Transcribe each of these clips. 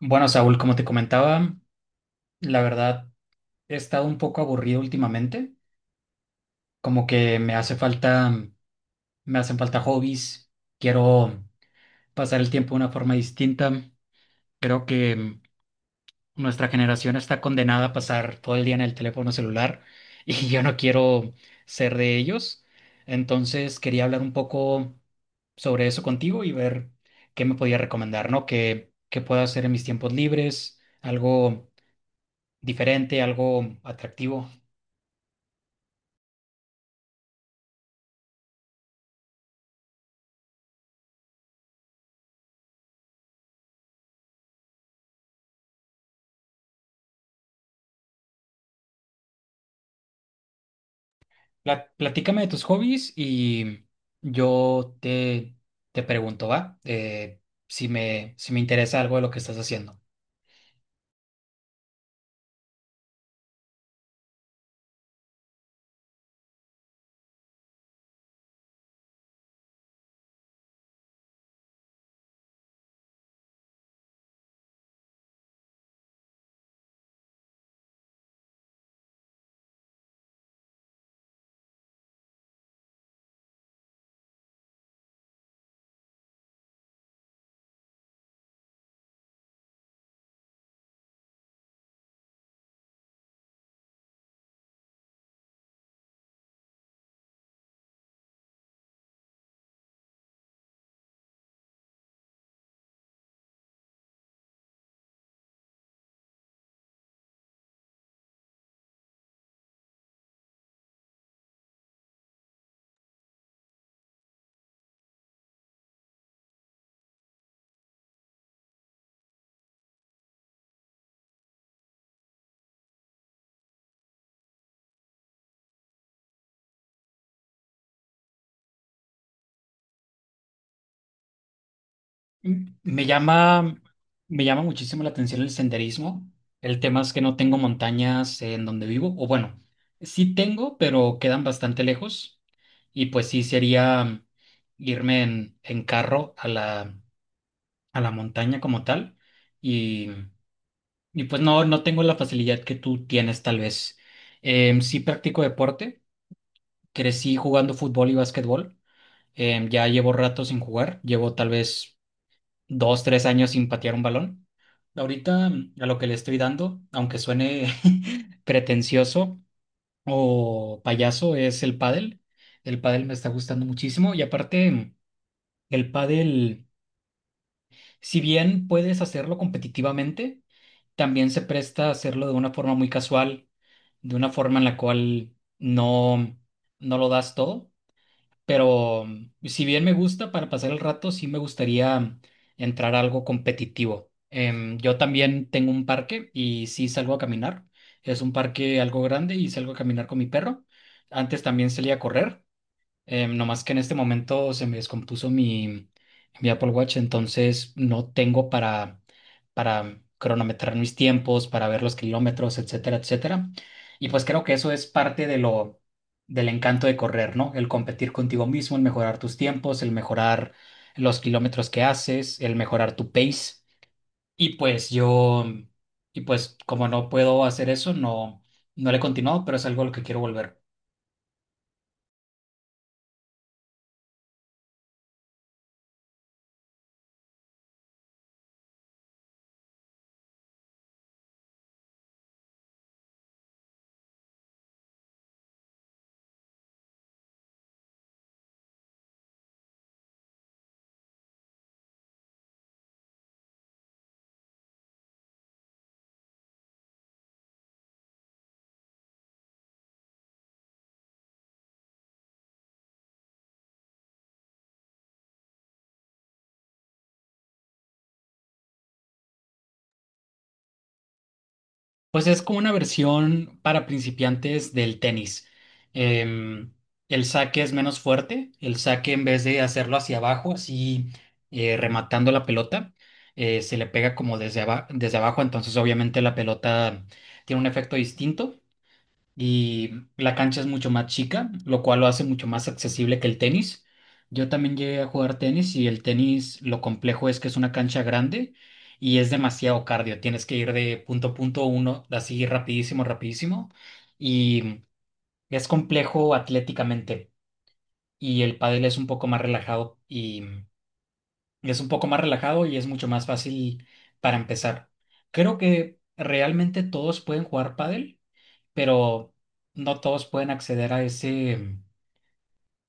Bueno, Saúl, como te comentaba, la verdad he estado un poco aburrido últimamente, como que me hace falta, me hacen falta hobbies, quiero pasar el tiempo de una forma distinta. Creo que nuestra generación está condenada a pasar todo el día en el teléfono celular y yo no quiero ser de ellos. Entonces quería hablar un poco sobre eso contigo y ver qué me podía recomendar, ¿no? ¿Qué, qué puedo hacer en mis tiempos libres? Algo diferente, algo atractivo. Platícame de tus hobbies y yo te, te pregunto, ¿va? Si me interesa algo de lo que estás haciendo. M- Me llama, Me llama muchísimo la atención el senderismo. El tema es que no tengo montañas en donde vivo, o bueno, sí tengo, pero quedan bastante lejos. Y pues sí sería en carro a la montaña como tal. y Y pues no, no tengo la facilidad que tú tienes, tal vez. Sí practico deporte, crecí jugando fútbol y básquetbol. Ya llevo rato sin jugar, llevo tal vez 2, 3 años sin patear un balón. Ahorita a lo que le estoy dando, aunque suene pretencioso o payaso, es el pádel. El pádel me está gustando muchísimo y aparte el pádel. Si bien puedes hacerlo competitivamente, también se presta a hacerlo de una forma muy casual, de una forma en la cual no, no lo das todo. Pero si bien me gusta para pasar el rato, sí me gustaría entrar a algo competitivo. Yo también tengo un parque y sí salgo a caminar. Es un parque algo grande y salgo a caminar con mi perro. Antes también salía a correr. No más que en este momento se me descompuso mi Apple Watch, entonces no tengo para cronometrar mis tiempos, para ver los kilómetros, etcétera, etcétera. Y pues creo que eso es parte del encanto de correr, ¿no? El competir contigo mismo, el mejorar tus tiempos, el mejorar los kilómetros que haces, el mejorar tu pace. Y pues yo, y pues como no puedo hacer eso, no, no le he continuado, pero es algo a lo que quiero volver. Pues es como una versión para principiantes del tenis. Em, el saque es menos fuerte, el saque en vez de hacerlo hacia abajo, así rematando la pelota, se le pega como desde, desde abajo, entonces obviamente la pelota tiene un efecto distinto y la cancha es mucho más chica, lo cual lo hace mucho más accesible que el tenis. Yo también llegué a jugar tenis y el tenis lo complejo es que es una cancha grande y es demasiado cardio. Tienes que ir de punto a punto uno, así rapidísimo, rapidísimo. Y es complejo atléticamente. Y el pádel es un poco más relajado y es mucho más fácil para empezar. Creo que realmente todos pueden jugar pádel pero no todos pueden acceder a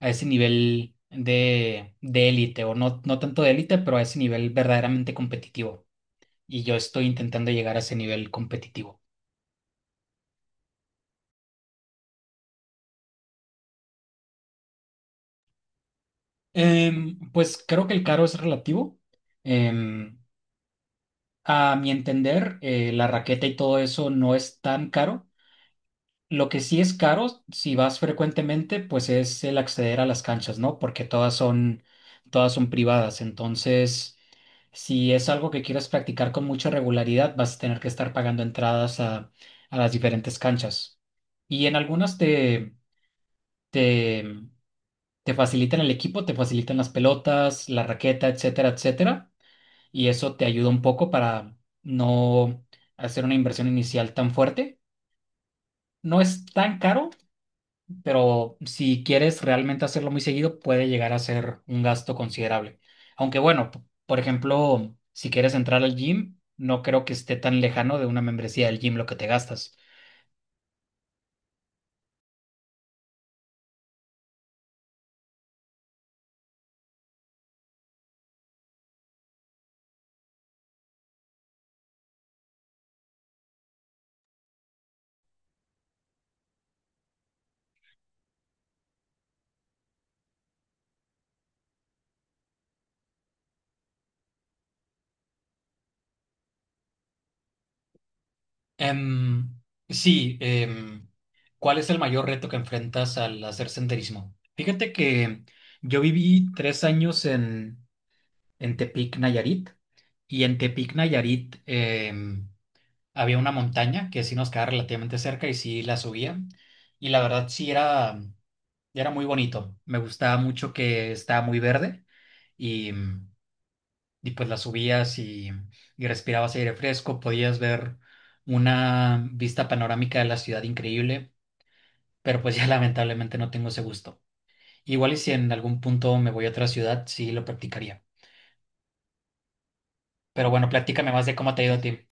a ese nivel de élite, o no, no tanto de élite, pero a ese nivel verdaderamente competitivo. Y yo estoy intentando llegar a ese nivel competitivo. Pues creo que el caro es relativo. Em, a mi entender, la raqueta y todo eso no es tan caro. Lo que sí es caro, si vas frecuentemente, pues es el acceder a las canchas, ¿no? Porque todas son privadas. Entonces, si es algo que quieres practicar con mucha regularidad, vas a tener que estar pagando entradas a las diferentes canchas. Y en algunas te, te facilitan el equipo, te facilitan las pelotas, la raqueta, etcétera, etcétera. Y eso te ayuda un poco para no hacer una inversión inicial tan fuerte. No es tan caro, pero si quieres realmente hacerlo muy seguido, puede llegar a ser un gasto considerable. Aunque bueno, por ejemplo, si quieres entrar al gym, no creo que esté tan lejano de una membresía del gym lo que te gastas. Em, sí, ¿cuál es el mayor reto que enfrentas al hacer senderismo? Fíjate que yo viví 3 años en Tepic, Nayarit, y en Tepic, Nayarit, había una montaña que sí nos quedaba relativamente cerca y sí la subía. Y la verdad era muy bonito. Me gustaba mucho que estaba muy verde y, y pues la subías y respirabas aire fresco, podías ver una vista panorámica de la ciudad increíble, pero pues ya lamentablemente no tengo ese gusto. Igual y si en algún punto me voy a otra ciudad, sí lo practicaría. Pero bueno, platícame más de cómo te ha ido a ti.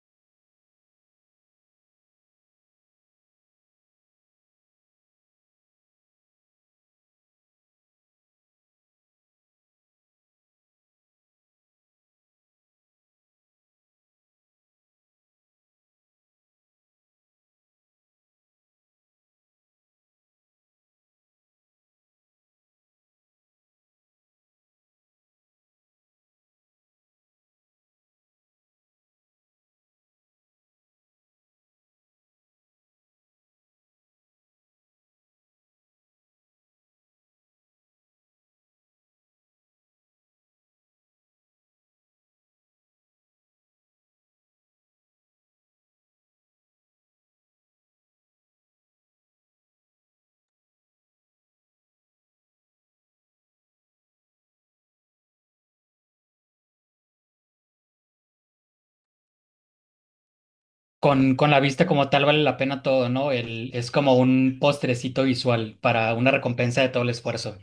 Con la vista como tal vale la pena todo, ¿no? El, es como un postrecito visual para una recompensa de todo el esfuerzo.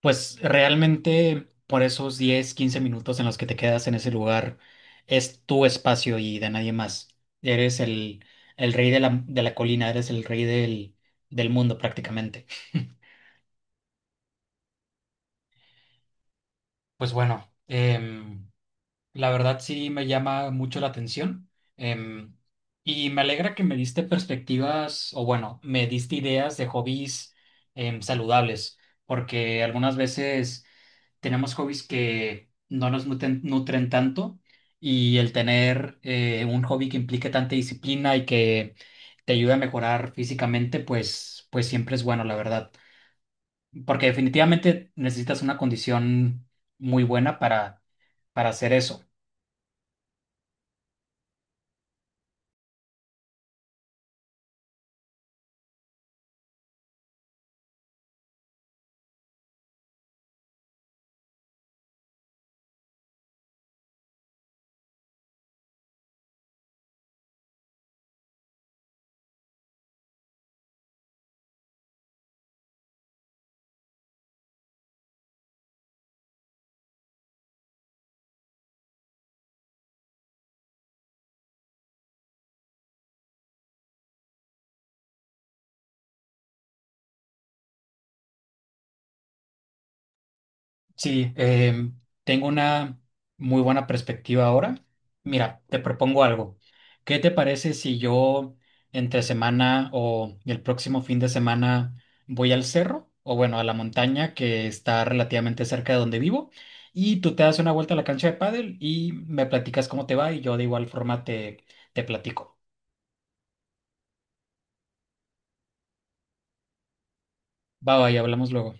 Pues realmente por esos 10 o 15 minutos en los que te quedas en ese lugar es tu espacio y de nadie más. Eres el rey de la colina, eres el rey del mundo prácticamente. Pues bueno, la verdad sí me llama mucho la atención, em, y me alegra que me diste perspectivas o bueno, me diste ideas de hobbies, saludables, porque algunas veces tenemos hobbies que no nos nutren tanto, y el tener un hobby que implique tanta disciplina y que te ayude a mejorar físicamente, pues, pues siempre es bueno, la verdad, porque definitivamente necesitas una condición muy buena para hacer eso. Sí, tengo una muy buena perspectiva ahora. Mira, te propongo algo. ¿Qué te parece si yo entre semana o el próximo fin de semana voy al cerro o bueno, a la montaña que está relativamente cerca de donde vivo y tú te das una vuelta a la cancha de pádel y me platicas cómo te va y yo de igual forma te platico. Va, va, y hablamos luego.